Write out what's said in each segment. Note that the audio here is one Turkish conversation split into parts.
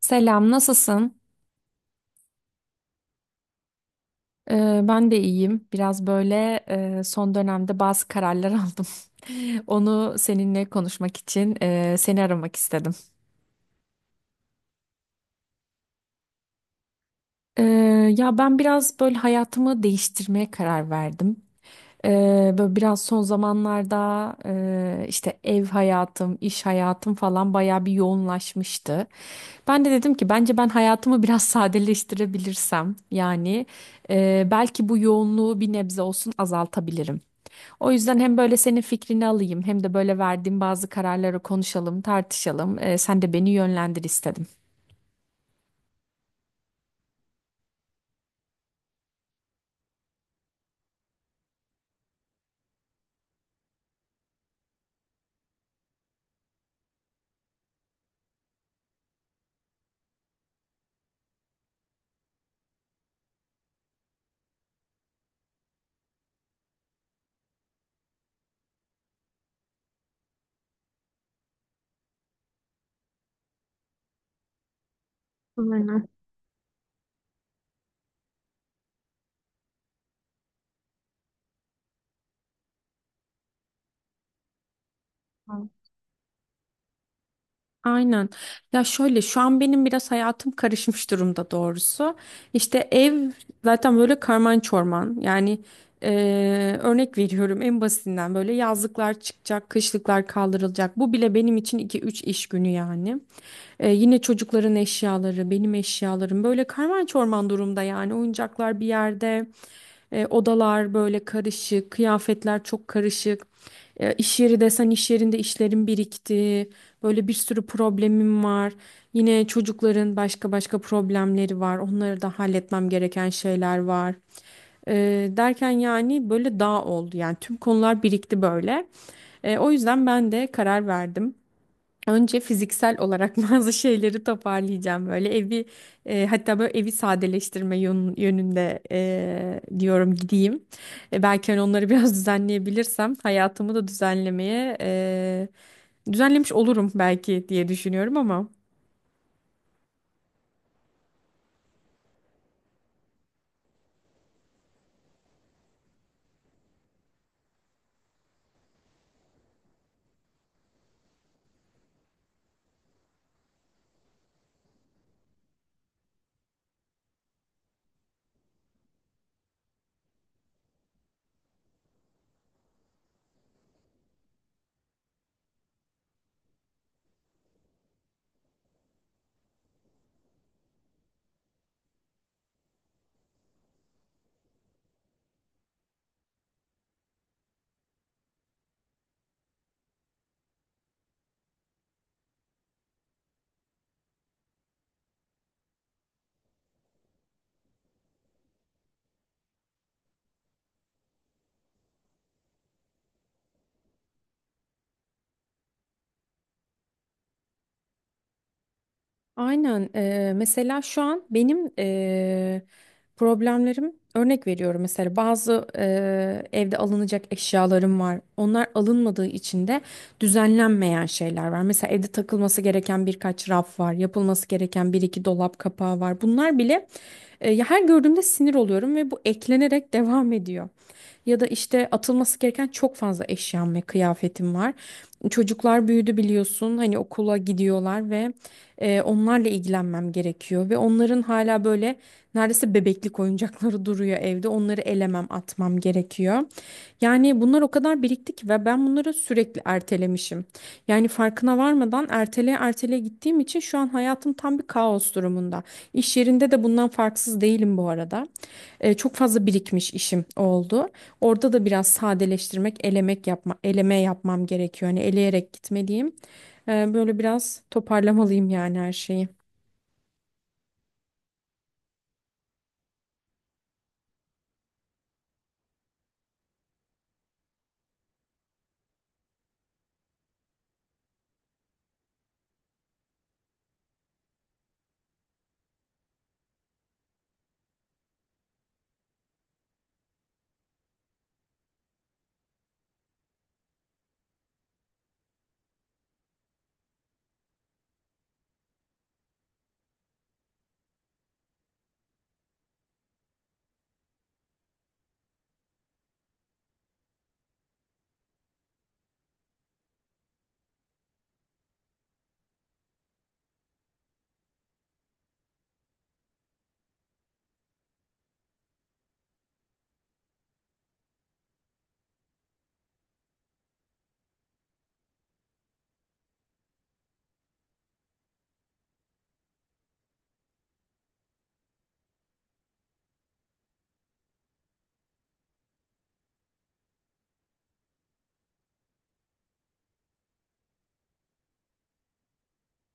Selam, nasılsın? Ben de iyiyim. Biraz böyle, son dönemde bazı kararlar aldım. Onu seninle konuşmak için seni aramak istedim. Ee, Ya ben biraz böyle hayatımı değiştirmeye karar verdim. Böyle biraz son zamanlarda, işte ev hayatım, iş hayatım falan bayağı bir yoğunlaşmıştı. Ben de dedim ki bence ben hayatımı biraz sadeleştirebilirsem, yani belki bu yoğunluğu bir nebze olsun azaltabilirim. O yüzden hem böyle senin fikrini alayım hem de böyle verdiğim bazı kararları konuşalım, tartışalım. Sen de beni yönlendir istedim. Tamam. Aynen. Ya şöyle şu an benim biraz hayatım karışmış durumda doğrusu. İşte ev zaten böyle karman çorman. Yani örnek veriyorum en basitinden, böyle yazlıklar çıkacak, kışlıklar kaldırılacak. Bu bile benim için iki üç iş günü yani. Yine çocukların eşyaları, benim eşyalarım böyle karman çorman durumda, yani oyuncaklar bir yerde. Odalar böyle karışık, kıyafetler çok karışık. İş yeri desen, iş yerinde işlerin birikti. Böyle bir sürü problemim var. Yine çocukların başka başka problemleri var. Onları da halletmem gereken şeyler var. E, Derken, yani böyle dağ oldu. Yani tüm konular birikti böyle. O yüzden ben de karar verdim. Önce fiziksel olarak bazı şeyleri toparlayacağım, böyle evi, hatta böyle evi sadeleştirme yönünde, diyorum gideyim. Belki hani onları biraz düzenleyebilirsem, hayatımı da düzenlemiş olurum belki diye düşünüyorum ama. Aynen. Mesela şu an benim problemlerim, örnek veriyorum, mesela bazı evde alınacak eşyalarım var. Onlar alınmadığı için de düzenlenmeyen şeyler var. Mesela evde takılması gereken birkaç raf var, yapılması gereken bir iki dolap kapağı var. Bunlar bile ya, her gördüğümde sinir oluyorum ve bu eklenerek devam ediyor, ya da işte atılması gereken çok fazla eşyam ve kıyafetim var. Çocuklar büyüdü biliyorsun, hani okula gidiyorlar ve onlarla ilgilenmem gerekiyor ve onların hala böyle neredeyse bebeklik oyuncakları duruyor evde, onları elemem atmam gerekiyor. Yani bunlar o kadar birikti ki ve ben bunları sürekli ertelemişim. Yani farkına varmadan erteleye erteleye gittiğim için şu an hayatım tam bir kaos durumunda. İş yerinde de bundan farksız değilim bu arada. Çok fazla birikmiş işim oldu. Orada da biraz sadeleştirmek, elemek yapma, eleme yapmam gerekiyor. Hani eleyerek gitmeliyim. Böyle biraz toparlamalıyım yani her şeyi.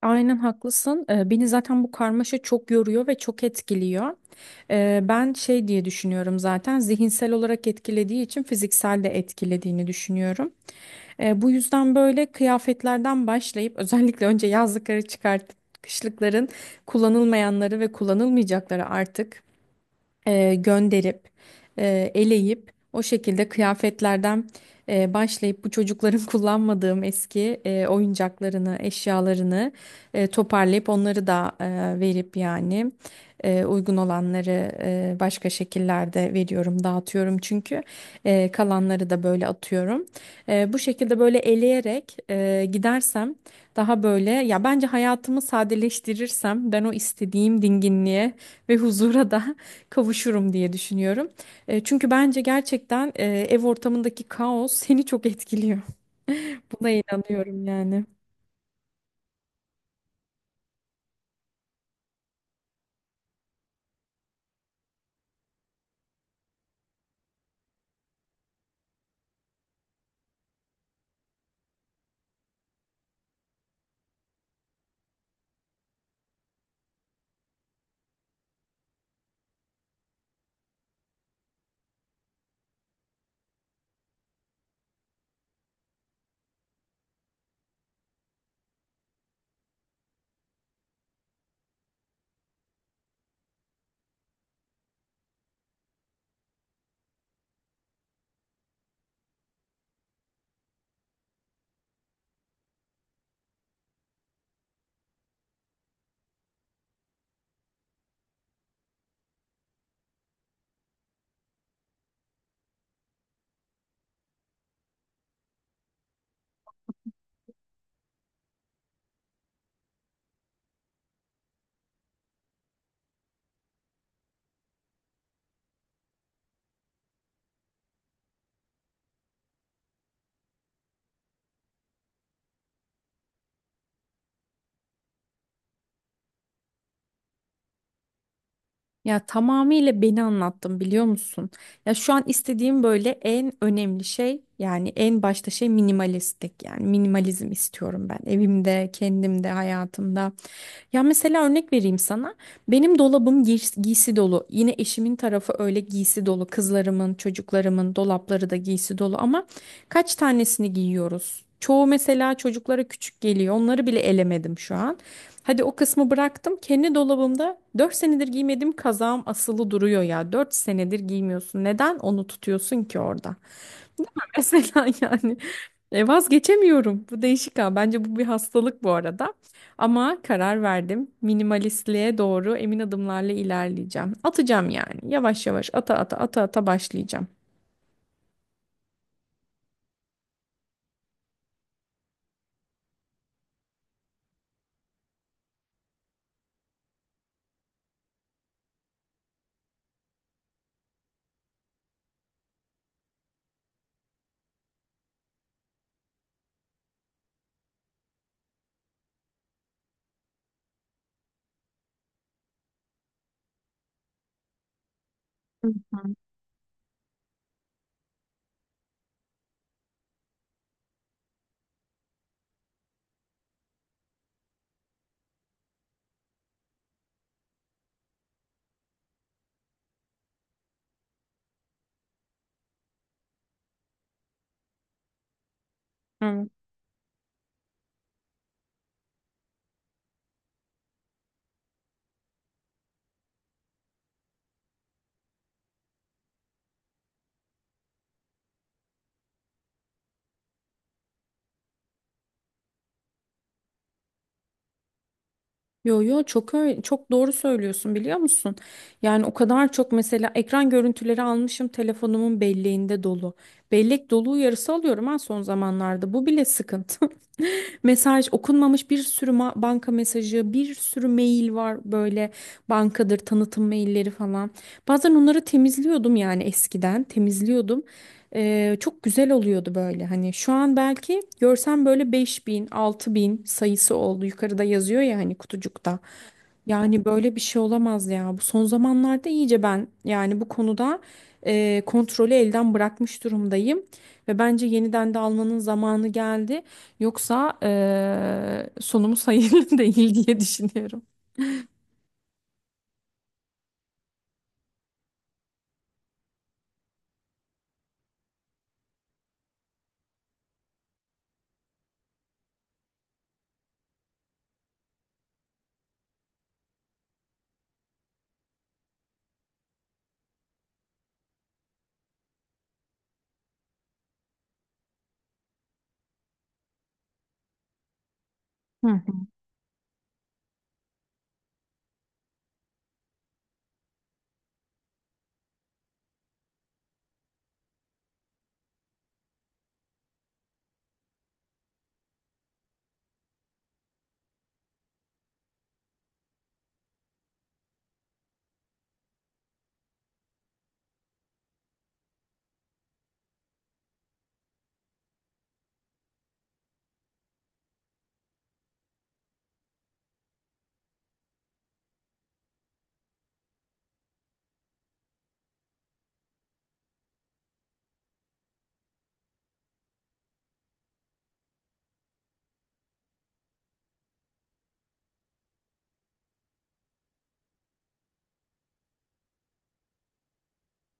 Aynen haklısın. Beni zaten bu karmaşa çok yoruyor ve çok etkiliyor. Ben şey diye düşünüyorum, zaten zihinsel olarak etkilediği için fiziksel de etkilediğini düşünüyorum. Bu yüzden böyle kıyafetlerden başlayıp özellikle önce yazlıkları çıkartıp kışlıkların kullanılmayanları ve kullanılmayacakları artık, gönderip eleyip o şekilde kıyafetlerden başlayıp bu çocukların kullanmadığım eski oyuncaklarını, eşyalarını toparlayıp onları da verip, yani uygun olanları başka şekillerde veriyorum, dağıtıyorum çünkü kalanları da böyle atıyorum. Bu şekilde böyle eleyerek gidersem, daha böyle ya bence hayatımı sadeleştirirsem, ben o istediğim dinginliğe ve huzura da kavuşurum diye düşünüyorum. Çünkü bence gerçekten ev ortamındaki kaos seni çok etkiliyor. Buna inanıyorum yani. Ya tamamıyla beni anlattın, biliyor musun? Ya şu an istediğim böyle en önemli şey, yani en başta şey, minimalistik, yani minimalizm istiyorum ben evimde, kendimde, hayatımda. Ya mesela örnek vereyim sana. Benim dolabım giysi dolu. Yine eşimin tarafı öyle giysi dolu. Kızlarımın, çocuklarımın dolapları da giysi dolu, ama kaç tanesini giyiyoruz? Çoğu mesela çocuklara küçük geliyor. Onları bile elemedim şu an. Hadi o kısmı bıraktım. Kendi dolabımda 4 senedir giymediğim kazağım asılı duruyor ya. 4 senedir giymiyorsun. Neden onu tutuyorsun ki orada? Mesela yani, vazgeçemiyorum. Bu değişik ha. Bence bu bir hastalık bu arada. Ama karar verdim. Minimalistliğe doğru emin adımlarla ilerleyeceğim. Atacağım yani. Yavaş yavaş ata ata ata ata başlayacağım. Hı hı. Evet. Yo yo, çok öyle, çok doğru söylüyorsun, biliyor musun? Yani o kadar çok mesela ekran görüntüleri almışım, telefonumun belleğinde dolu. Bellek dolu uyarısı alıyorum ha son zamanlarda. Bu bile sıkıntı. Mesaj okunmamış bir sürü banka mesajı, bir sürü mail var, böyle bankadır tanıtım mailleri falan. Bazen onları temizliyordum, yani eskiden temizliyordum. Çok güzel oluyordu, böyle hani şu an belki görsem, böyle 5000 bin sayısı oldu yukarıda, yazıyor ya hani kutucukta. Yani böyle bir şey olamaz ya. Bu son zamanlarda iyice ben yani bu konuda kontrolü elden bırakmış durumdayım. Ve bence yeniden de almanın zamanı geldi. Yoksa sonumuz hayırlı değil diye düşünüyorum.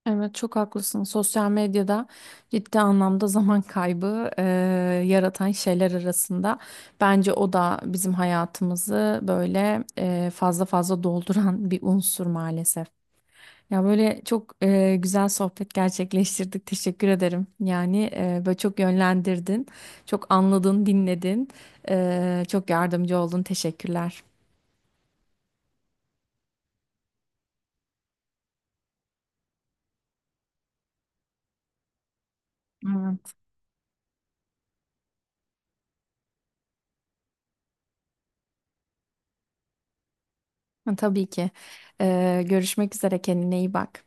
Evet, çok haklısın. Sosyal medyada ciddi anlamda zaman kaybı yaratan şeyler arasında, bence o da bizim hayatımızı böyle fazla fazla dolduran bir unsur maalesef. Ya böyle çok güzel sohbet gerçekleştirdik. Teşekkür ederim. Yani böyle çok yönlendirdin, çok anladın, dinledin, çok yardımcı oldun. Teşekkürler. Evet. Ha, tabii ki. Görüşmek üzere. Kendine iyi bak.